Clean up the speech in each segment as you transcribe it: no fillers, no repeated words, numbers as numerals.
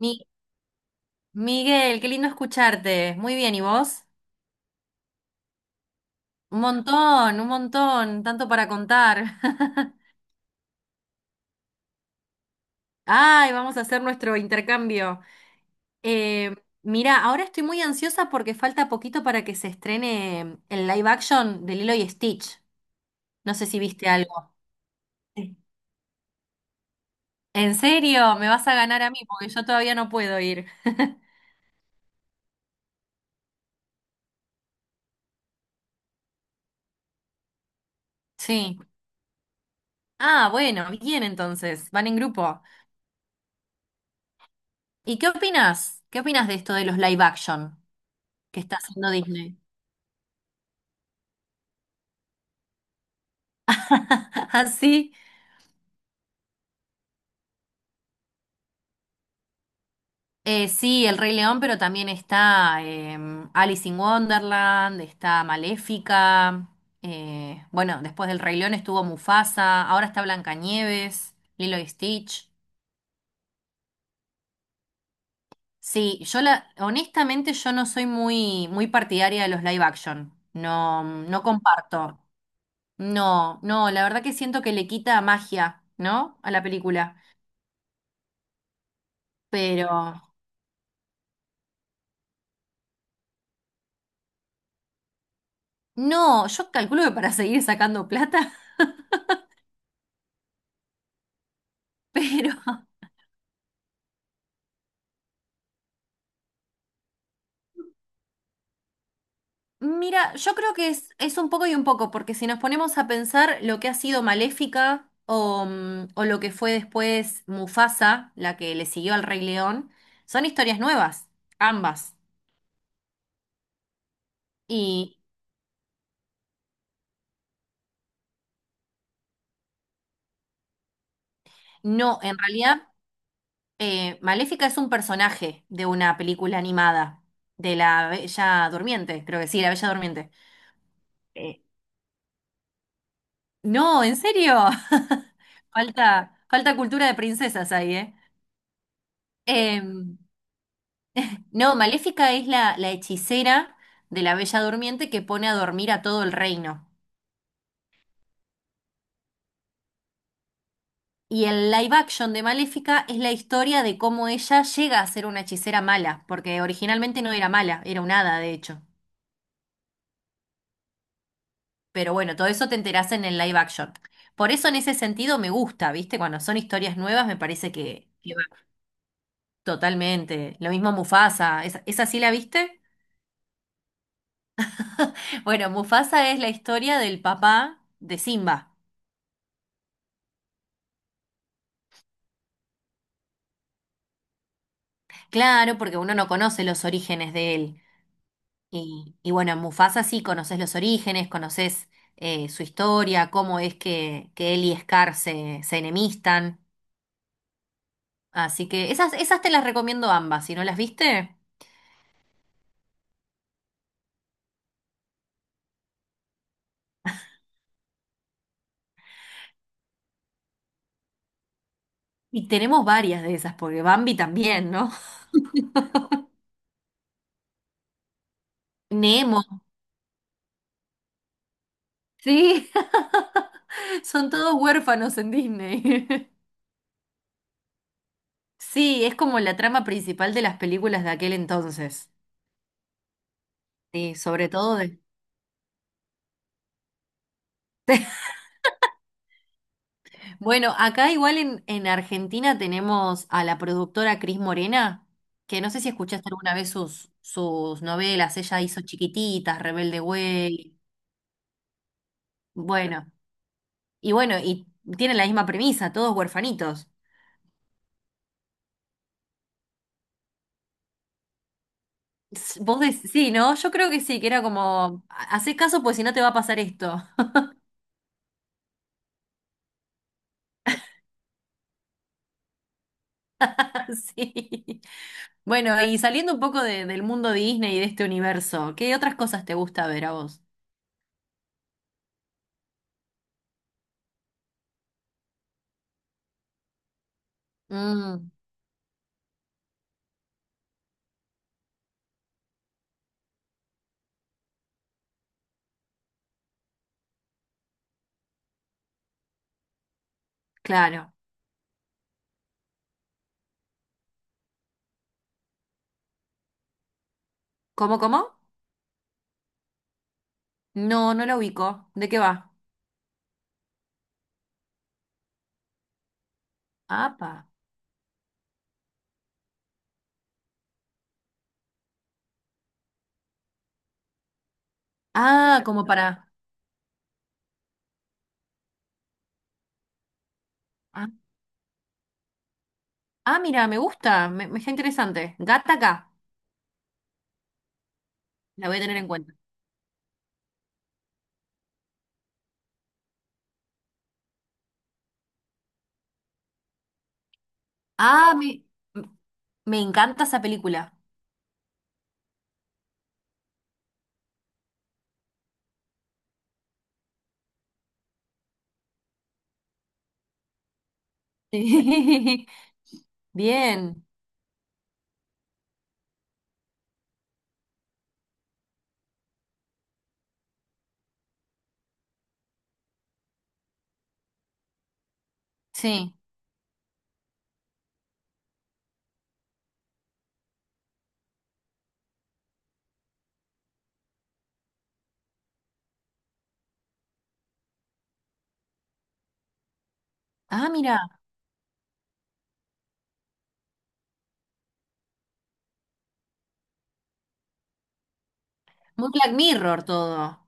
Mi- Miguel, qué lindo escucharte. Muy bien, ¿y vos? Un montón, tanto para contar. Ay, vamos a hacer nuestro intercambio. Eh, mira, ahora estoy muy ansiosa porque falta poquito para que se estrene el live action de Lilo y Stitch. No sé si viste algo. Sí. ¿En serio? Me vas a ganar a mí porque yo todavía no puedo ir. Sí. Ah, bueno, bien entonces, van en grupo. ¿Y qué opinas? ¿Qué opinas de esto de los live action que está haciendo Disney? Así. Sí, El Rey León, pero también está Alice in Wonderland, está Maléfica. Bueno, después del Rey León estuvo Mufasa, ahora está Blancanieves, Lilo y Stitch. Sí, honestamente yo no soy muy, muy partidaria de los live action. No, no comparto. No, no, la verdad que siento que le quita magia, ¿no? A la película. Pero no, yo calculo que para seguir sacando plata, pero mira, yo creo que es un poco y un poco, porque si nos ponemos a pensar lo que ha sido Maléfica o o lo que fue después Mufasa, la que le siguió al Rey León, son historias nuevas, ambas. Y no, en realidad, Maléfica es un personaje de una película animada, de la Bella Durmiente, creo que sí, la Bella Durmiente. Eh, no, ¿en serio? Falta, falta cultura de princesas ahí, ¿eh? Eh, No, Maléfica es la hechicera de la Bella Durmiente que pone a dormir a todo el reino. Y el live action de Maléfica es la historia de cómo ella llega a ser una hechicera mala, porque originalmente no era mala, era un hada, de hecho. Pero bueno, todo eso te enterás en el live action. Por eso en ese sentido me gusta, ¿viste? Cuando son historias nuevas me parece que va totalmente. Lo mismo Mufasa, ¿esa, esa sí la viste? Bueno, Mufasa es la historia del papá de Simba. Claro, porque uno no conoce los orígenes de él. Y bueno, en Mufasa sí conoces los orígenes, conoces su historia, cómo es que él y Scar se enemistan. Así que esas, esas te las recomiendo ambas, si no las viste. Y tenemos varias de esas, porque Bambi también, ¿no? Nemo. Sí, son todos huérfanos en Disney. Sí, es como la trama principal de las películas de aquel entonces. Sí, sobre todo de bueno, acá igual en Argentina tenemos a la productora Cris Morena, que no sé si escuchaste alguna vez sus novelas, ella hizo Chiquititas, Rebelde Way, bueno, y tiene la misma premisa, todos huerfanitos. Vos decís, sí, ¿no? Yo creo que sí, que era como, haces caso pues si no te va a pasar esto. Sí. Bueno, y saliendo un poco del mundo Disney y de este universo, ¿qué otras cosas te gusta ver a vos? Mm, claro. ¿Cómo, cómo? No, no la ubico. ¿De qué va? Apa. Ah, como para. Ah, ah, mira, me gusta. Me está interesante. Gata la voy a tener en cuenta. Ah, me encanta esa película. Sí. Bien. Sí. Ah, mira. Muy Black Mirror todo.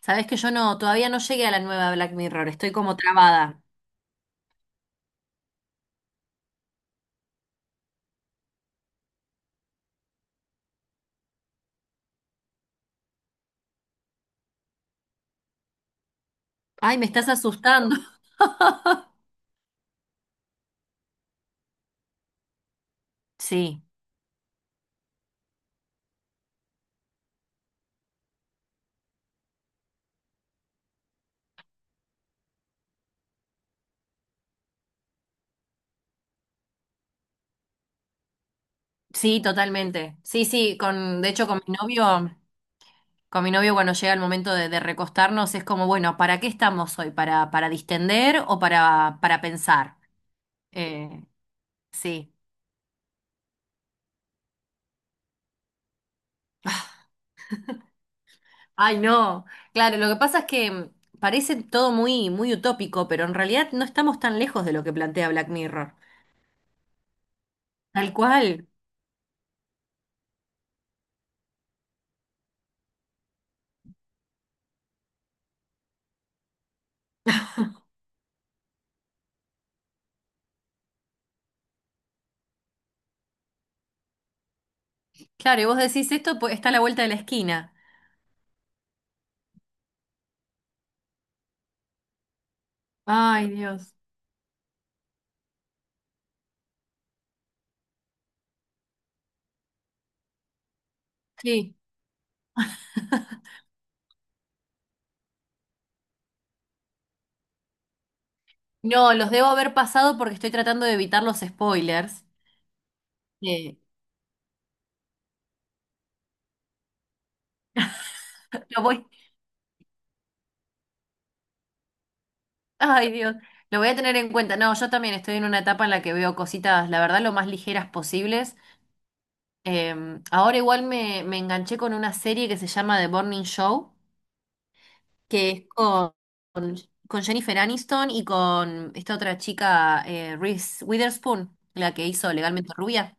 Sabes que yo no, todavía no llegué a la nueva Black Mirror. Estoy como trabada. Ay, me estás asustando. Sí, sí, totalmente. Sí, sí, con, de hecho, con mi novio. Con mi novio, cuando llega el momento de recostarnos, es como, bueno, ¿para qué estamos hoy? Para distender o para pensar? Eh, sí. Ay, no. Claro, lo que pasa es que parece todo muy, muy utópico, pero en realidad no estamos tan lejos de lo que plantea Black Mirror. Tal cual. Claro, y vos decís esto, pues, está a la vuelta de la esquina. Ay, Dios. Sí. No, los debo haber pasado porque estoy tratando de evitar los spoilers. Sí. Lo voy ay, Dios, lo voy a tener en cuenta. No, yo también estoy en una etapa en la que veo cositas, la verdad, lo más ligeras posibles. Eh, ahora igual me enganché con una serie que se llama The Morning Show, que es con, con Jennifer Aniston y con esta otra chica, Reese Witherspoon, la que hizo Legalmente Rubia.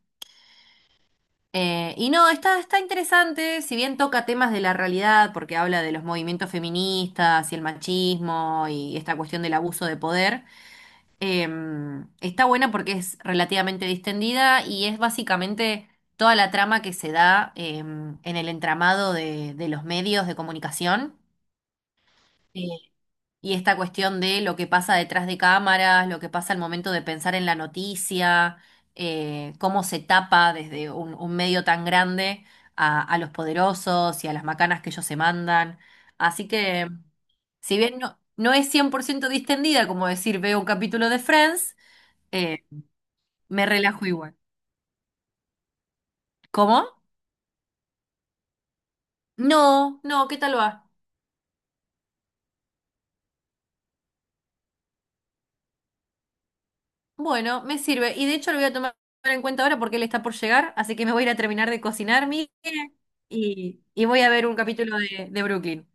Y no, está, está interesante, si bien toca temas de la realidad, porque habla de los movimientos feministas y el machismo y esta cuestión del abuso de poder. Está buena porque es relativamente distendida y es básicamente toda la trama que se da en el entramado de los medios de comunicación eh, y esta cuestión de lo que pasa detrás de cámaras, lo que pasa al momento de pensar en la noticia, cómo se tapa desde un medio tan grande a los poderosos y a las macanas que ellos se mandan. Así que, si bien no, no es 100% distendida, como decir, veo un capítulo de Friends, me relajo igual. ¿Cómo? No, no, ¿qué tal va? Bueno, me sirve. Y de hecho lo voy a tomar en cuenta ahora porque él está por llegar, así que me voy a ir a terminar de cocinar, mire, y voy a ver un capítulo de Brooklyn.